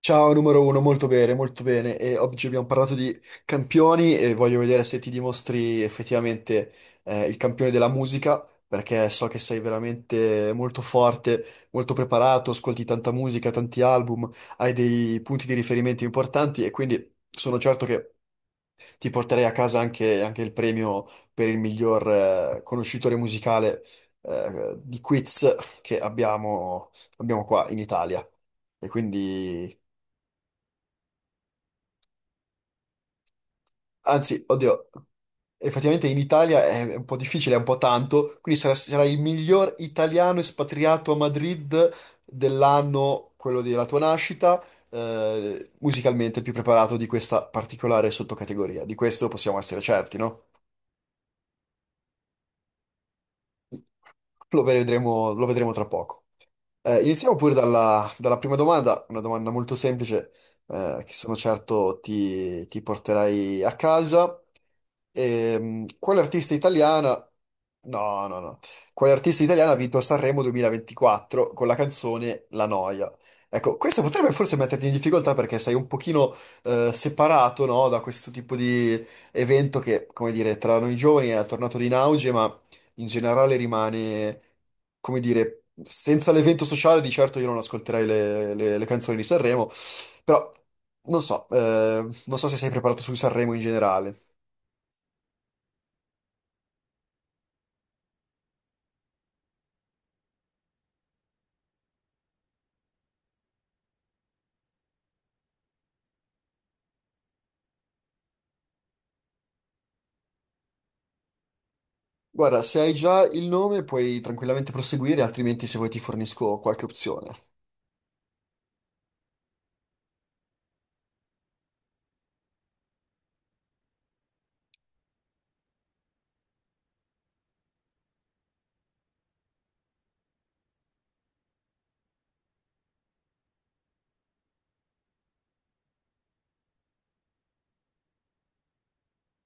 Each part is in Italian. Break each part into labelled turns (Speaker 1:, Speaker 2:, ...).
Speaker 1: Ciao numero uno, molto bene, molto bene. E oggi abbiamo parlato di campioni e voglio vedere se ti dimostri effettivamente il campione della musica, perché so che sei veramente molto forte, molto preparato, ascolti tanta musica, tanti album, hai dei punti di riferimento importanti e quindi sono certo che ti porterei a casa anche il premio per il miglior conoscitore musicale di quiz che abbiamo qua in Italia. E quindi Anzi, oddio, effettivamente in Italia è un po' difficile, è un po' tanto, quindi sarai il miglior italiano espatriato a Madrid dell'anno, quello della tua nascita, musicalmente il più preparato di questa particolare sottocategoria. Di questo possiamo essere certi, no? Lo vedremo tra poco. Iniziamo pure dalla prima domanda, una domanda molto semplice, che sono certo ti porterai a casa. Quale artista italiana? No, no, no. Quale artista italiana ha vinto Sanremo 2024 con la canzone La Noia? Ecco, questo potrebbe forse metterti in difficoltà perché sei un pochino separato, no, da questo tipo di evento che, come dire, tra noi giovani è tornato in auge, in generale rimane, come dire, senza l'evento sociale di certo io non ascolterei le canzoni di Sanremo, però non so se sei preparato su Sanremo in generale. Guarda, se hai già il nome puoi tranquillamente proseguire, altrimenti se vuoi ti fornisco qualche opzione.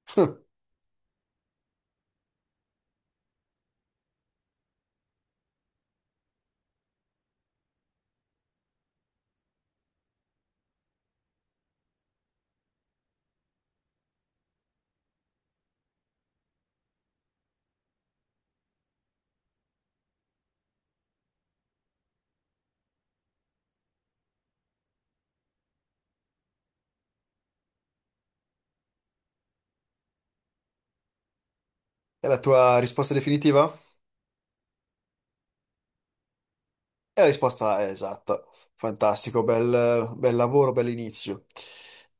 Speaker 1: È la tua risposta definitiva? E la risposta è esatta. Fantastico, bel lavoro, bell'inizio.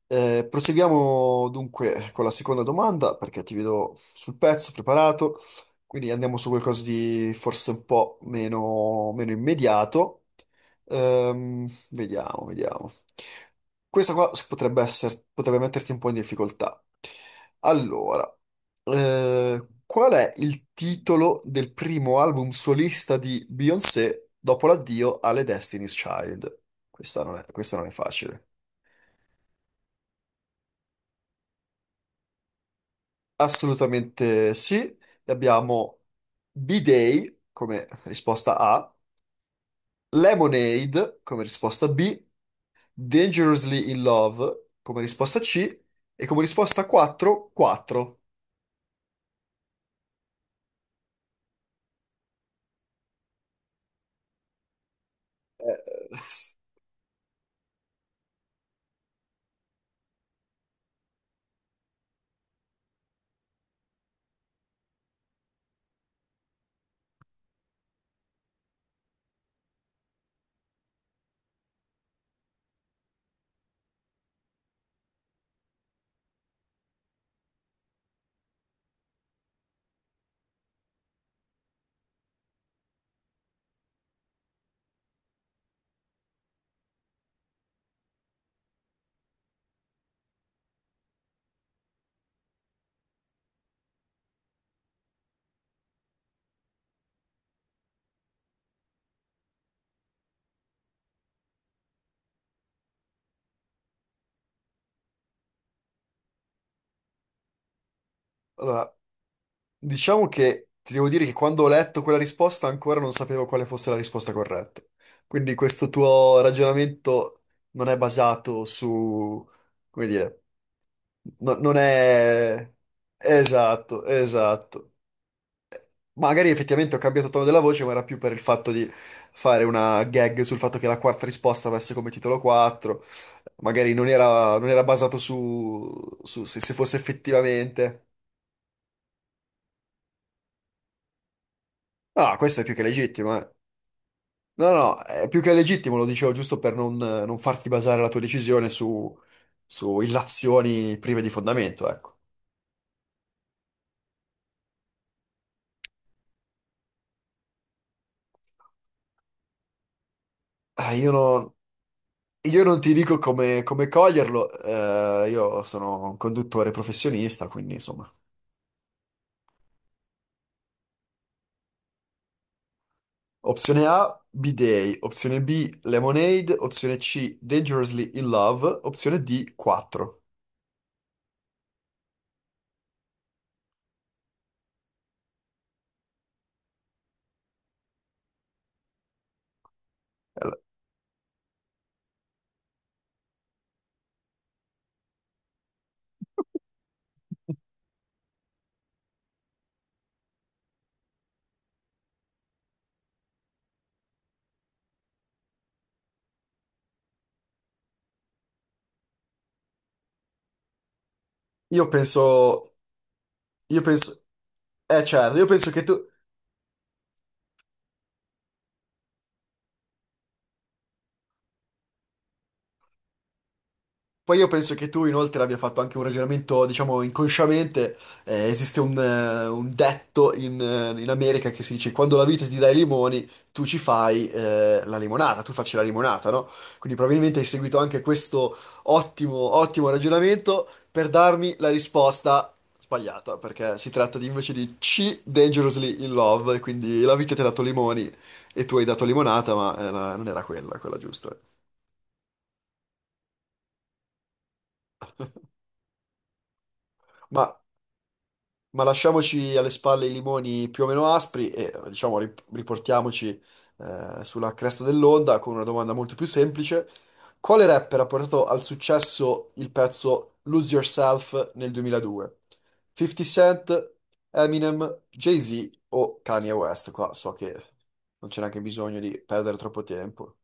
Speaker 1: Proseguiamo dunque con la seconda domanda, perché ti vedo sul pezzo, preparato. Quindi andiamo su qualcosa di forse un po' meno immediato. Vediamo, vediamo. Questa qua potrebbe metterti un po' in difficoltà. Allora. Qual è il titolo del primo album solista di Beyoncé dopo l'addio alle Destiny's Child? Questa non è facile. Assolutamente sì. Abbiamo B-Day come risposta A, Lemonade come risposta B, Dangerously in Love come risposta C e come risposta 4, 4. Eh, allora, diciamo che ti devo dire che quando ho letto quella risposta ancora non sapevo quale fosse la risposta corretta. Quindi questo tuo ragionamento non è basato su, come dire, non è... Esatto, esatto. Magari effettivamente ho cambiato tono della voce, ma era più per il fatto di fare una gag sul fatto che la quarta risposta avesse come titolo 4. Magari non era basato su se fosse effettivamente... Ah, questo è più che legittimo, eh. No, no, è più che legittimo, lo dicevo giusto per non farti basare la tua decisione su illazioni prive di fondamento, ecco. Ah, io non ti dico come coglierlo, io sono un conduttore professionista, quindi insomma. Opzione A, B-Day, opzione B, Lemonade, opzione C, Dangerously in Love, opzione D, 4. Allora, Io penso, io penso, eh certo, io penso che tu, poi io penso che tu inoltre abbia fatto anche un ragionamento, diciamo, inconsciamente. Esiste un detto in America che si dice quando la vita ti dà i limoni, tu ci fai la limonata, tu facci la limonata, no? Quindi probabilmente hai seguito anche questo ottimo ragionamento per darmi la risposta sbagliata, perché si tratta di, invece di C, Dangerously in Love, e quindi la vita ti ha dato limoni e tu hai dato limonata, ma non era quella giusta. Ma Ma lasciamoci alle spalle i limoni più o meno aspri e diciamo riportiamoci sulla cresta dell'onda con una domanda molto più semplice. Quale rapper ha portato al successo il pezzo Lose Yourself nel 2002? 50 Cent, Eminem, Jay-Z o Kanye West? Qua so che non c'è neanche bisogno di perdere troppo tempo.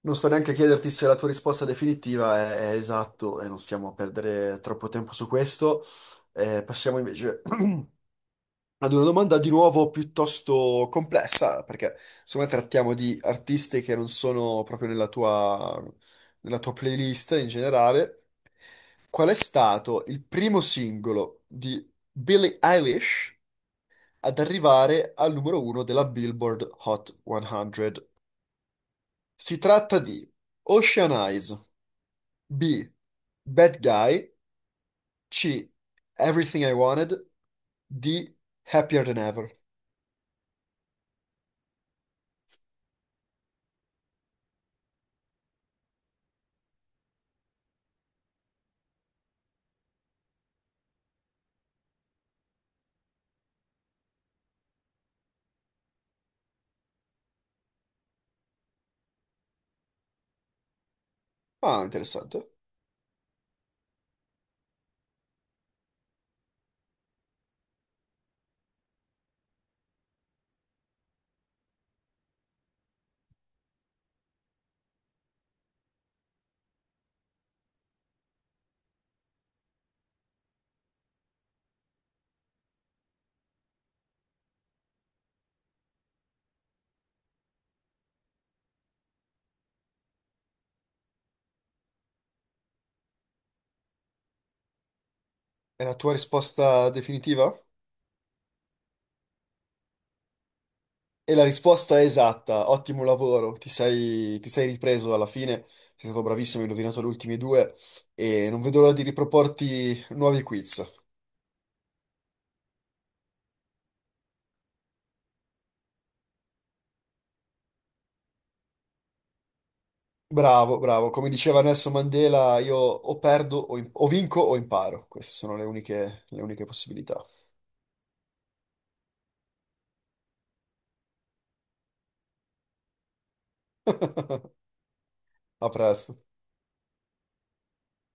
Speaker 1: Non sto neanche a chiederti se la tua risposta definitiva è esatto e non stiamo a perdere troppo tempo su questo. Passiamo invece ad una domanda di nuovo piuttosto complessa, perché secondo me trattiamo di artisti che non sono proprio nella tua, playlist in generale. Qual è stato il primo singolo di Billie Eilish ad arrivare al numero uno della Billboard Hot 100? Si tratta di Ocean Eyes, B. Bad Guy, C. Everything I Wanted, D. Happier Than Ever. Ah, interessante. È la tua risposta definitiva? E la risposta è esatta, ottimo lavoro, ti sei ripreso alla fine, sei stato bravissimo, hai indovinato le ultime due e non vedo l'ora di riproporti nuovi quiz. Bravo, bravo, come diceva Nelson Mandela, io o perdo, o vinco o imparo, queste sono le uniche possibilità. A presto.